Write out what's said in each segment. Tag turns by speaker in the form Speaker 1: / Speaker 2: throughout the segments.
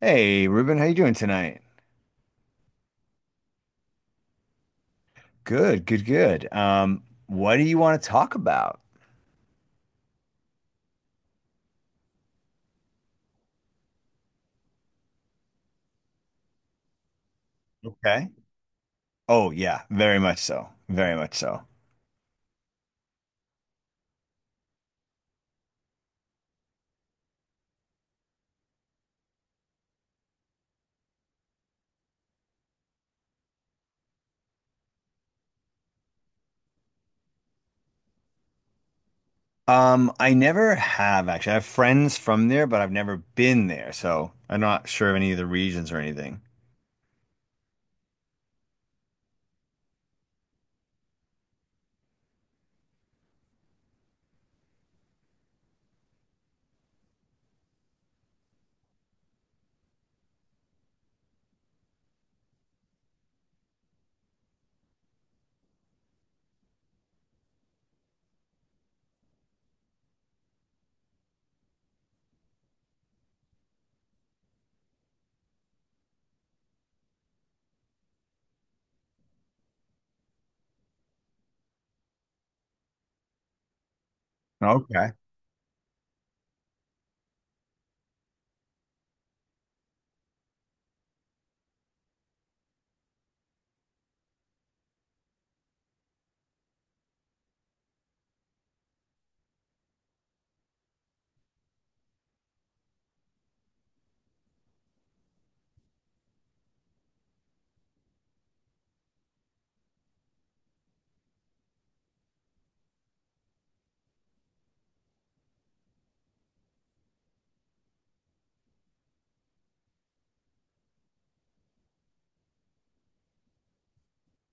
Speaker 1: Hey, Ruben, how you doing tonight? Good, good, good. What do you want to talk about? Okay. Oh, yeah, very much so. Very much so. I never have actually. I have friends from there, but I've never been there, so I'm not sure of any of the regions or anything. Okay.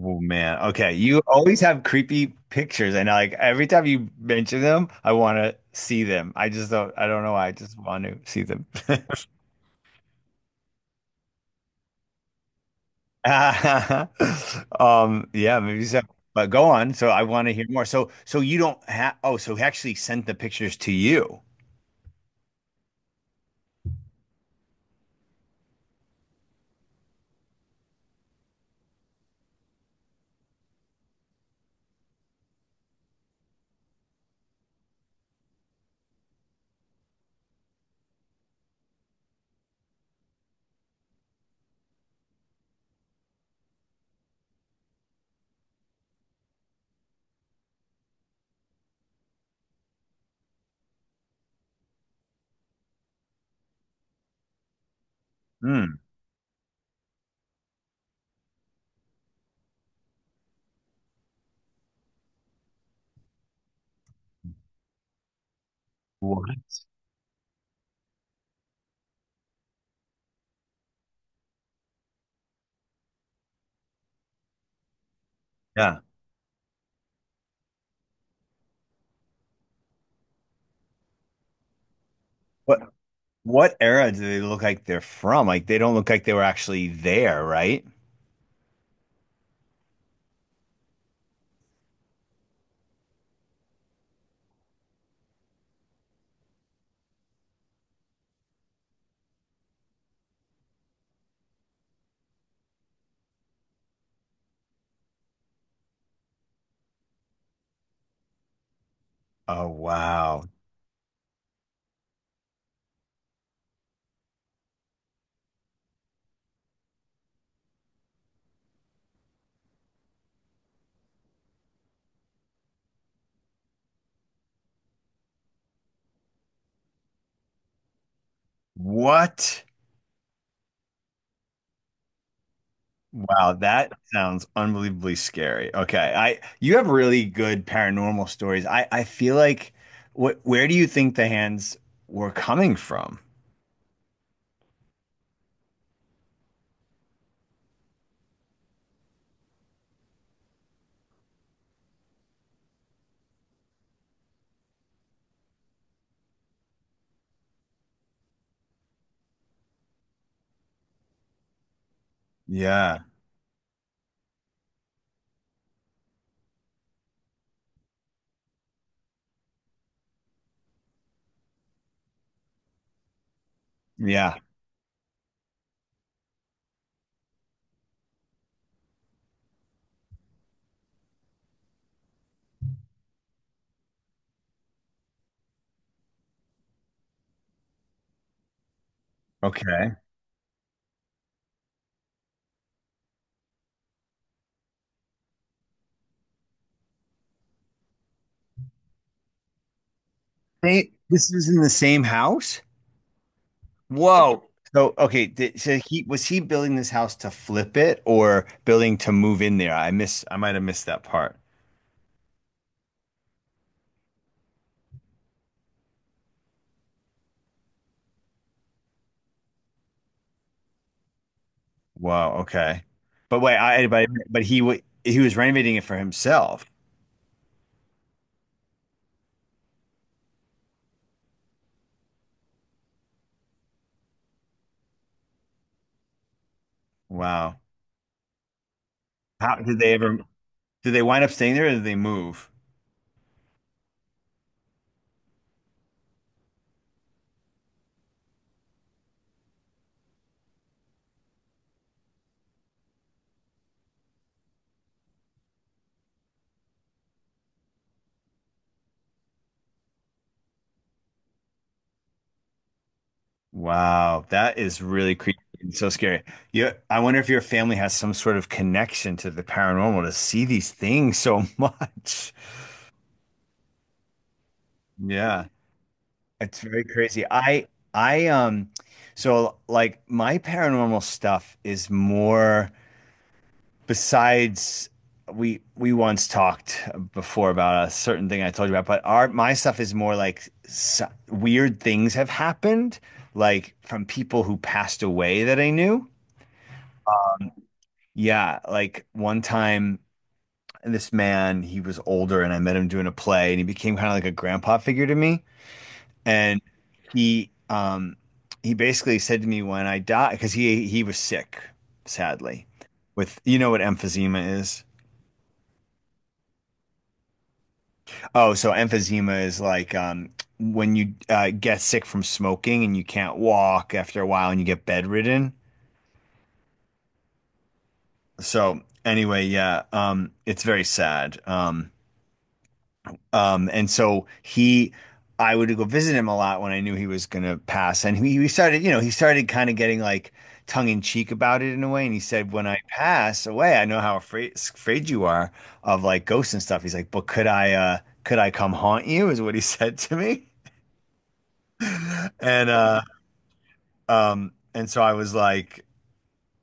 Speaker 1: Oh man. Okay. You always have creepy pictures, and like every time you mention them, I want to see them. I just don't. I don't know why. I just want to see them. Yeah, maybe so. But go on. So I want to hear more. So you don't have oh, so he actually sent the pictures to you. Hmm. What? Yeah. What what era do they look like they're from? Like they don't look like they were actually there, right? Oh wow. What? Wow, that sounds unbelievably scary. Okay. I you have really good paranormal stories. I feel like what where do you think the hands were coming from? Yeah. Yeah. Okay. They, this was in the same house? Whoa. So, okay, did, so he was he building this house to flip it or building to move in there? I miss I might have missed that part. Wow, okay. But wait, I but, he was renovating it for himself. Wow. How did they ever did they wind up staying there or did they move? Wow, that is really creepy and so scary. You, I wonder if your family has some sort of connection to the paranormal to see these things so much. Yeah. It's very crazy. I so like my paranormal stuff is more besides we once talked before about a certain thing I told you about, but our my stuff is more like s weird things have happened like from people who passed away that I knew. Yeah, like one time this man, he was older and I met him doing a play and he became kind of like a grandpa figure to me. he um he basically said to me when I die because he was sick, sadly. With you know what emphysema is? Oh, so emphysema is like when you get sick from smoking and you can't walk after a while and you get bedridden. So anyway, yeah, it's very sad. Um, and so he, I would go visit him a lot when I knew he was gonna pass. And he started, he started kind of getting like tongue in cheek about it in a way. And he said, "When I pass away, I know how afraid you are of like ghosts and stuff." He's like, "But could I come haunt you?" Is what he said to me. And uh, and so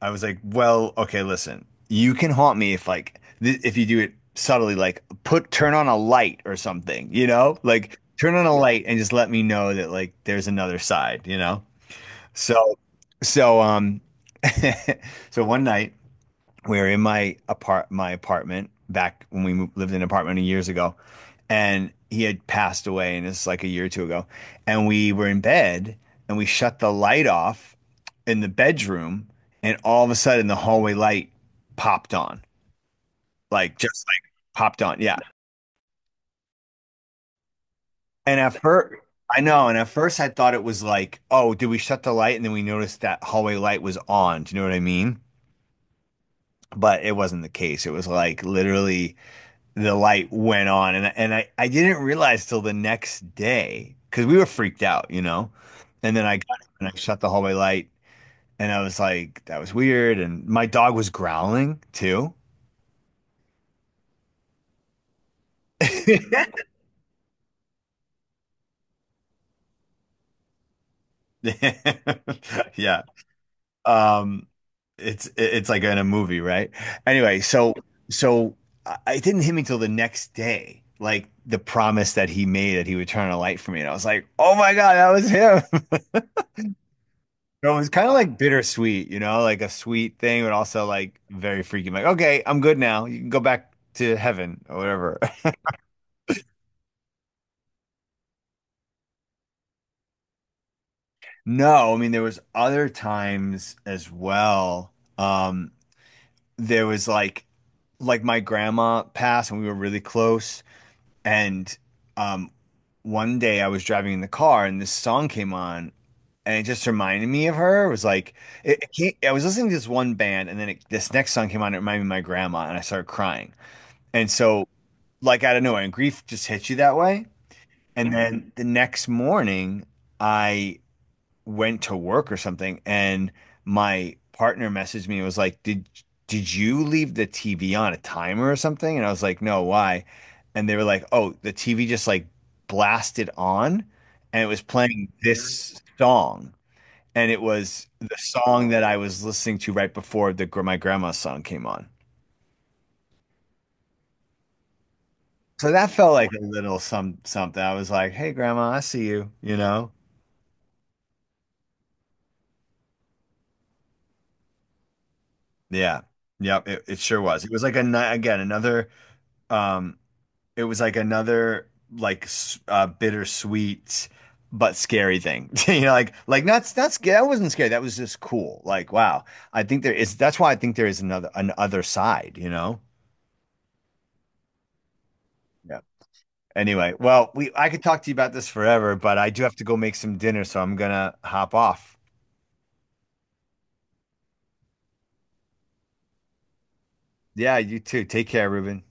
Speaker 1: I was like, well, okay, listen, you can haunt me if like if you do it subtly, like put turn on a light or something, you know, like turn on a light and just let me know that like there's another side, you know. So so um so one night we were in my apart my apartment back when we moved, lived in an apartment years ago, and he had passed away, and it's like a year or two ago, and we were in bed, and we shut the light off in the bedroom, and all of a sudden the hallway light popped on, like just like popped on, yeah. And at first, I know, and at first I thought it was like, oh, did we shut the light? And then we noticed that hallway light was on. Do you know what I mean? But it wasn't the case. It was like literally the light went on and I didn't realize till the next day because we were freaked out, you know. And then I got up and I shut the hallway light and I was like, that was weird. And my dog was growling too. Yeah. Um it's like in a movie, right? Anyway, so so I it didn't hit me till the next day, like the promise that he made that he would turn on a light for me. And I was like, oh my God, that was him. No, it was kind of like bittersweet, you know, like a sweet thing, but also like very freaky. Like, okay, I'm good now. You can go back to heaven or whatever. No, I mean there was other times as well. Um, there was like my grandma passed and we were really close. And um, one day I was driving in the car and this song came on and it just reminded me of her. It was like it came, I was listening to this one band and then it, this next song came on. It reminded me of my grandma and I started crying. And so like out of nowhere, and grief just hits you that way. And then the next morning, I went to work or something, and my partner messaged me and was like, "Did you leave the TV on a timer or something?" And I was like, "No, why?" And they were like, "Oh, the TV just like blasted on, and it was playing this song, and it was the song that I was listening to right before the my grandma's song came on." So that felt like a little some something. I was like, "Hey, Grandma, I see you," you know? Yeah. Yep, it sure was. It was like a again another um it was like another like bittersweet but scary thing. You know, like not not scary. That wasn't scary. That was just cool. Like, wow. I think there is that's why I think there is another an other side, you know? Yeah. Anyway, well, we I could talk to you about this forever, but I do have to go make some dinner, so I'm gonna hop off. Yeah, you too. Take care, Ruben.